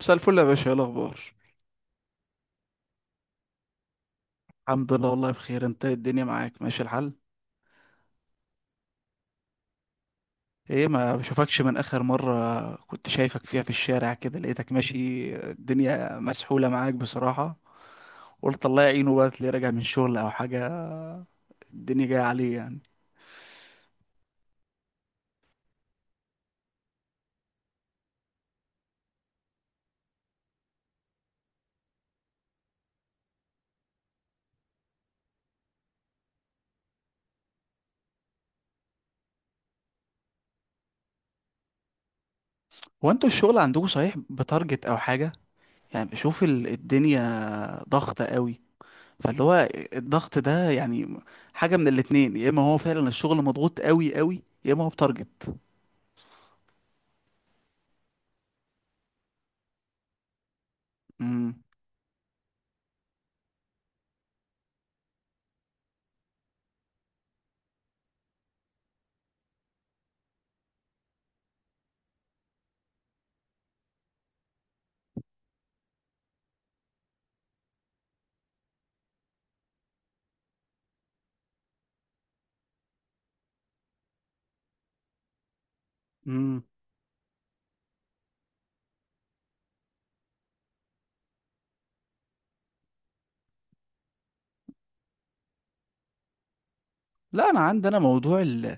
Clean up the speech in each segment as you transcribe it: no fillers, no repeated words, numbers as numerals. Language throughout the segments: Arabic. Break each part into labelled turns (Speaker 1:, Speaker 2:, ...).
Speaker 1: مساء الفل يا باشا، ايه الاخبار؟ الحمد لله، والله بخير. انت إيه؟ الدنيا معاك ماشي الحال؟ ايه، ما بشوفكش من اخر مرة كنت شايفك فيها في الشارع كده لقيتك ماشي، الدنيا مسحولة معاك بصراحة. قلت الله يعينه بقى اللي راجع من شغل او حاجة، الدنيا جاية عليه يعني. هو انتوا الشغل عندكم صحيح بتارجت او حاجة؟ يعني بشوف الدنيا ضغطة قوي، فاللي هو الضغط ده يعني حاجة من الاتنين، يا اما هو فعلا الشغل مضغوط قوي قوي، يا اما هو بتارجت. امم لا، انا عندي انا موضوع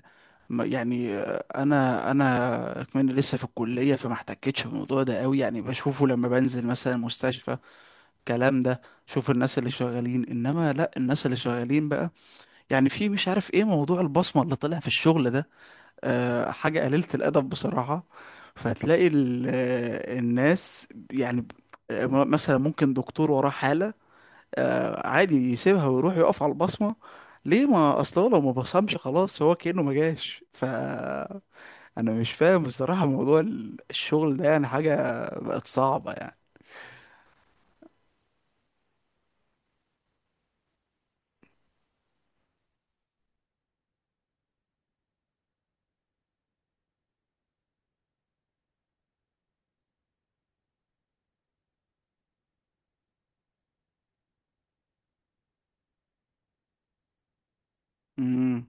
Speaker 1: يعني، انا كمان لسه في الكليه، فما احتكتش بالموضوع ده قوي، يعني بشوفه لما بنزل مثلا مستشفى الكلام ده. شوف الناس اللي شغالين، انما لا، الناس اللي شغالين بقى يعني في مش عارف ايه موضوع البصمه اللي طلع في الشغل ده. حاجه قليله الادب بصراحه. فتلاقي الناس يعني مثلا ممكن دكتور وراه حاله، عادي يسيبها ويروح يقف على البصمة. ليه؟ ما اصله لو ما بصمش خلاص هو كأنه ما جاش. ف انا مش فاهم بصراحة موضوع الشغل ده، يعني حاجة بقت صعبة يعني. امم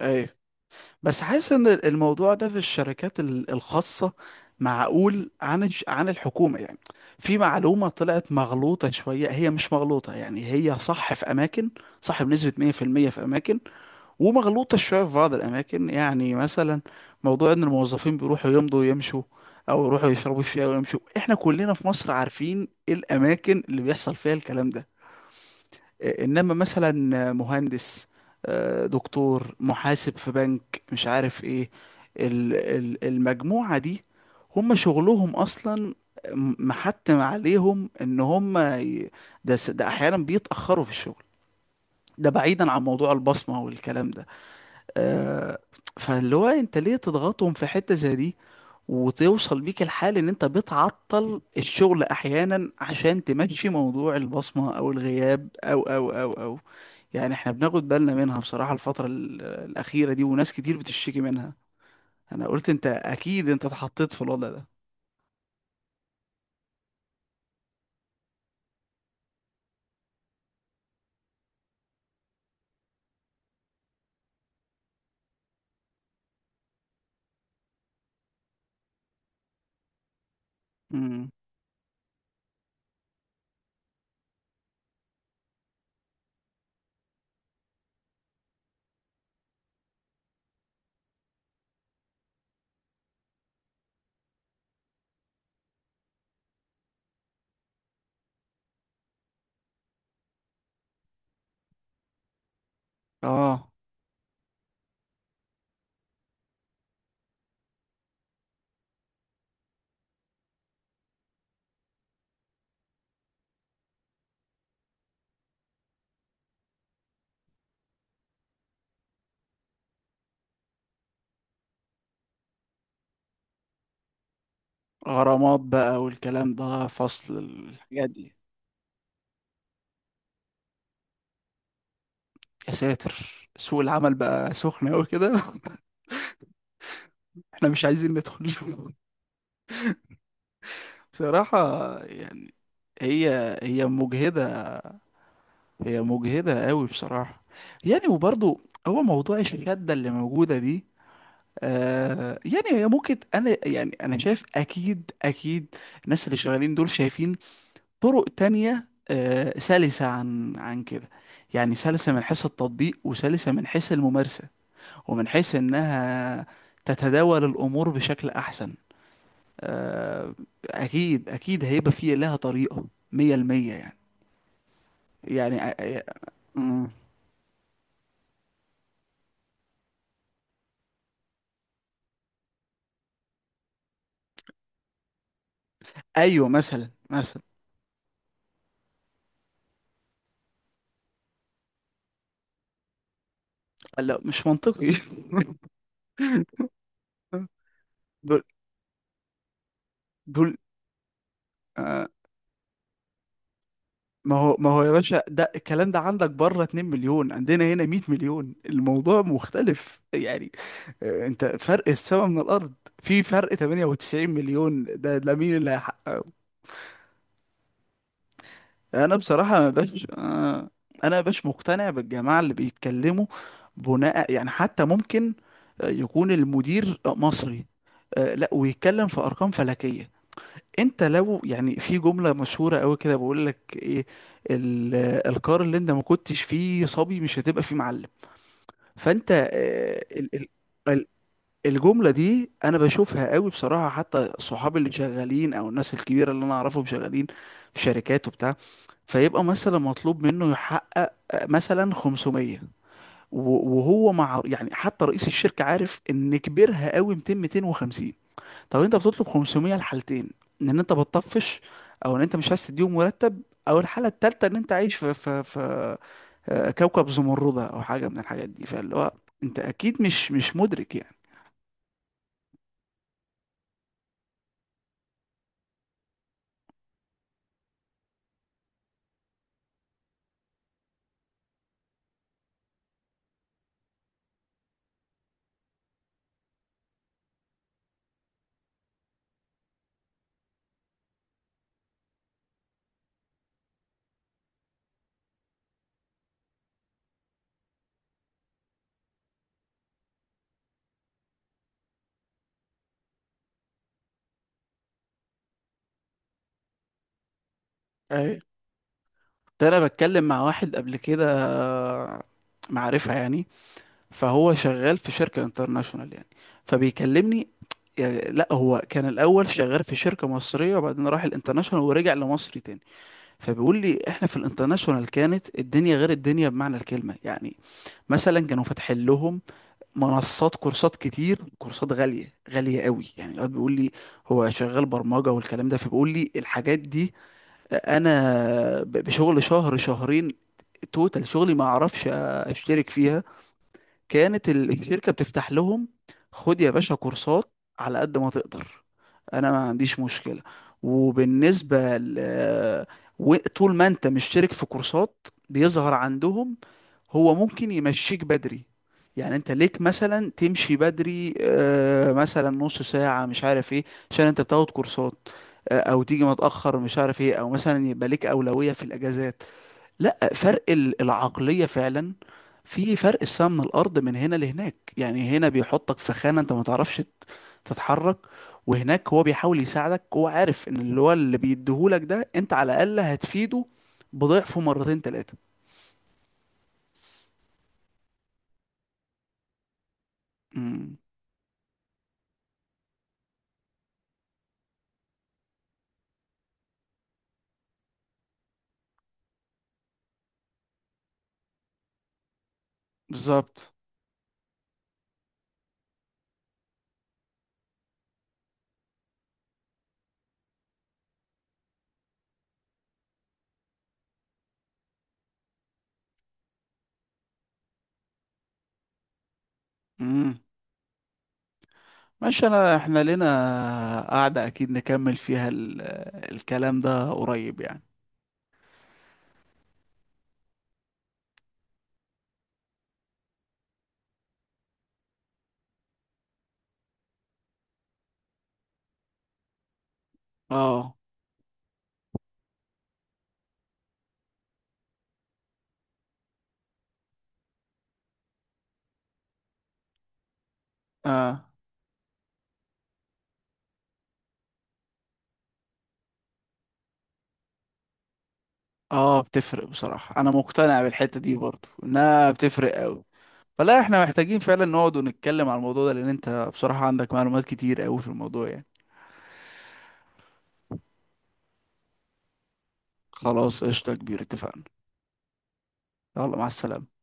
Speaker 1: ايوه، بس حاسس ان الموضوع ده في الشركات الخاصة معقول عن عن الحكومة يعني. في معلومة طلعت مغلوطة شوية، هي مش مغلوطة يعني، هي صح في اماكن، صح بنسبة 100% في المية في اماكن، ومغلوطة شوية في بعض الأماكن. يعني مثلا موضوع إن الموظفين بيروحوا يمضوا ويمشوا أو يروحوا يشربوا الشاي ويمشوا، إحنا كلنا في مصر عارفين الأماكن اللي بيحصل فيها الكلام ده. إيه، إنما مثلا مهندس، دكتور، محاسب في بنك، مش عارف إيه، المجموعة دي هم شغلهم أصلا محتم عليهم إن هم ده أحيانا بيتأخروا في الشغل، ده بعيدا عن موضوع البصمة والكلام ده. آه، فاللي هو انت ليه تضغطهم في حتة زي دي، وتوصل بيك الحال ان انت بتعطل الشغل احيانا عشان تمشي موضوع البصمة او الغياب او، يعني احنا بناخد بالنا منها بصراحة الفترة الأخيرة دي، وناس كتير بتشتكي منها. انا قلت انت اكيد انت اتحطيت في الوضع ده. امم اه، غرامات بقى والكلام ده، فصل الحاجات دي؟ يا ساتر، سوق العمل بقى سخن قوي كده احنا مش عايزين ندخل بصراحة. يعني، هي هي مجهدة، هي مجهدة قوي بصراحة يعني. وبرضو، هو موضوع الشدة اللي موجودة دي، يعني هي ممكن، يعني انا شايف اكيد اكيد الناس اللي شغالين دول شايفين طرق تانية، سلسة عن كده، يعني سلسة من حيث التطبيق وسلسة من حيث الممارسة ومن حيث انها تتداول الامور بشكل احسن. آه اكيد اكيد هيبقى فيه لها طريقة مية المية يعني. يعني آه، مم. ايوه، مثلا، لا مش منطقي. دول دول، آه، ما هو، ما هو يا باشا، ده الكلام ده عندك بره 2 مليون، عندنا هنا 100 مليون، الموضوع مختلف يعني. انت فرق السما من الارض، في فرق 98 مليون، ده مين اللي هيحقق؟ انا بصراحة ما باش آه، انا باش مقتنع بالجماعة اللي بيتكلموا بناء، يعني حتى ممكن يكون المدير مصري، لا ويتكلم في ارقام فلكية. انت لو يعني، في جملة مشهورة قوي كده بقول لك ايه: ال- القار اللي انت ما كنتش فيه صبي مش هتبقى فيه معلم. فانت ال- الجملة دي انا بشوفها قوي بصراحة. حتى صحابي اللي شغالين او الناس الكبيرة اللي انا اعرفهم شغالين في شركات وبتاع، فيبقى مثلا مطلوب منه يحقق مثلا 500، و- وهو مع، يعني حتى رئيس الشركة عارف ان كبرها قوي 200 250. طب انت بتطلب 500؟ الحالتين، ان انت بتطفش، او ان انت مش عايز تديهم مرتب، او الحاله التالته ان انت عايش في في كوكب زمردة او حاجه من الحاجات دي. فاللي هو انت اكيد مش مدرك يعني. ايوه، ده انا بتكلم مع واحد قبل كده، معرفة يعني، فهو شغال في شركة انترناشونال يعني، فبيكلمني، يعني لا هو كان الاول شغال في شركة مصرية وبعدين راح الانترناشونال ورجع لمصر تاني. فبيقول لي احنا في الانترناشونال كانت الدنيا غير الدنيا بمعنى الكلمه يعني. مثلا كانوا فاتحين لهم منصات كورسات كتير، كورسات غاليه غاليه قوي يعني. الواد بيقول لي، هو شغال برمجه والكلام ده، فبيقول لي الحاجات دي انا بشغل شهر شهرين توتال شغلي ما اعرفش اشترك فيها. كانت الشركة بتفتح لهم، خد يا باشا كورسات على قد ما تقدر، انا ما عنديش مشكلة. وبالنسبة طول ما انت مش شارك في كورسات بيظهر عندهم، هو ممكن يمشيك بدري. يعني انت ليك مثلا تمشي بدري، مثلا نص ساعة مش عارف ايه، عشان انت بتاخد كورسات. او تيجي متأخر مش عارف ايه، او مثلا يبقى ليك أولوية في الاجازات. لا فرق العقلية فعلا، في فرق السما من الأرض من هنا لهناك. يعني هنا بيحطك في خانة أنت ما تعرفش تتحرك، وهناك هو بيحاول يساعدك، هو عارف إن اللي هو اللي بيديهولك ده أنت على الأقل هتفيده بضعفه مرتين تلاتة. امم بالظبط. امم ماشي. أنا، إحنا لنا قعدة أكيد نكمل فيها الكلام ده قريب يعني. اه، اه، اه، بتفرق بصراحة. أنا مقتنع بالحتة دي برضو، إنها بتفرق أوي، فلا احنا محتاجين فعلا نقعد ونتكلم على الموضوع ده، لان انت بصراحة عندك معلومات كتير قوي في الموضوع يعني. خلاص قشطة يا كبير، اتفقنا. يلا، مع السلامة.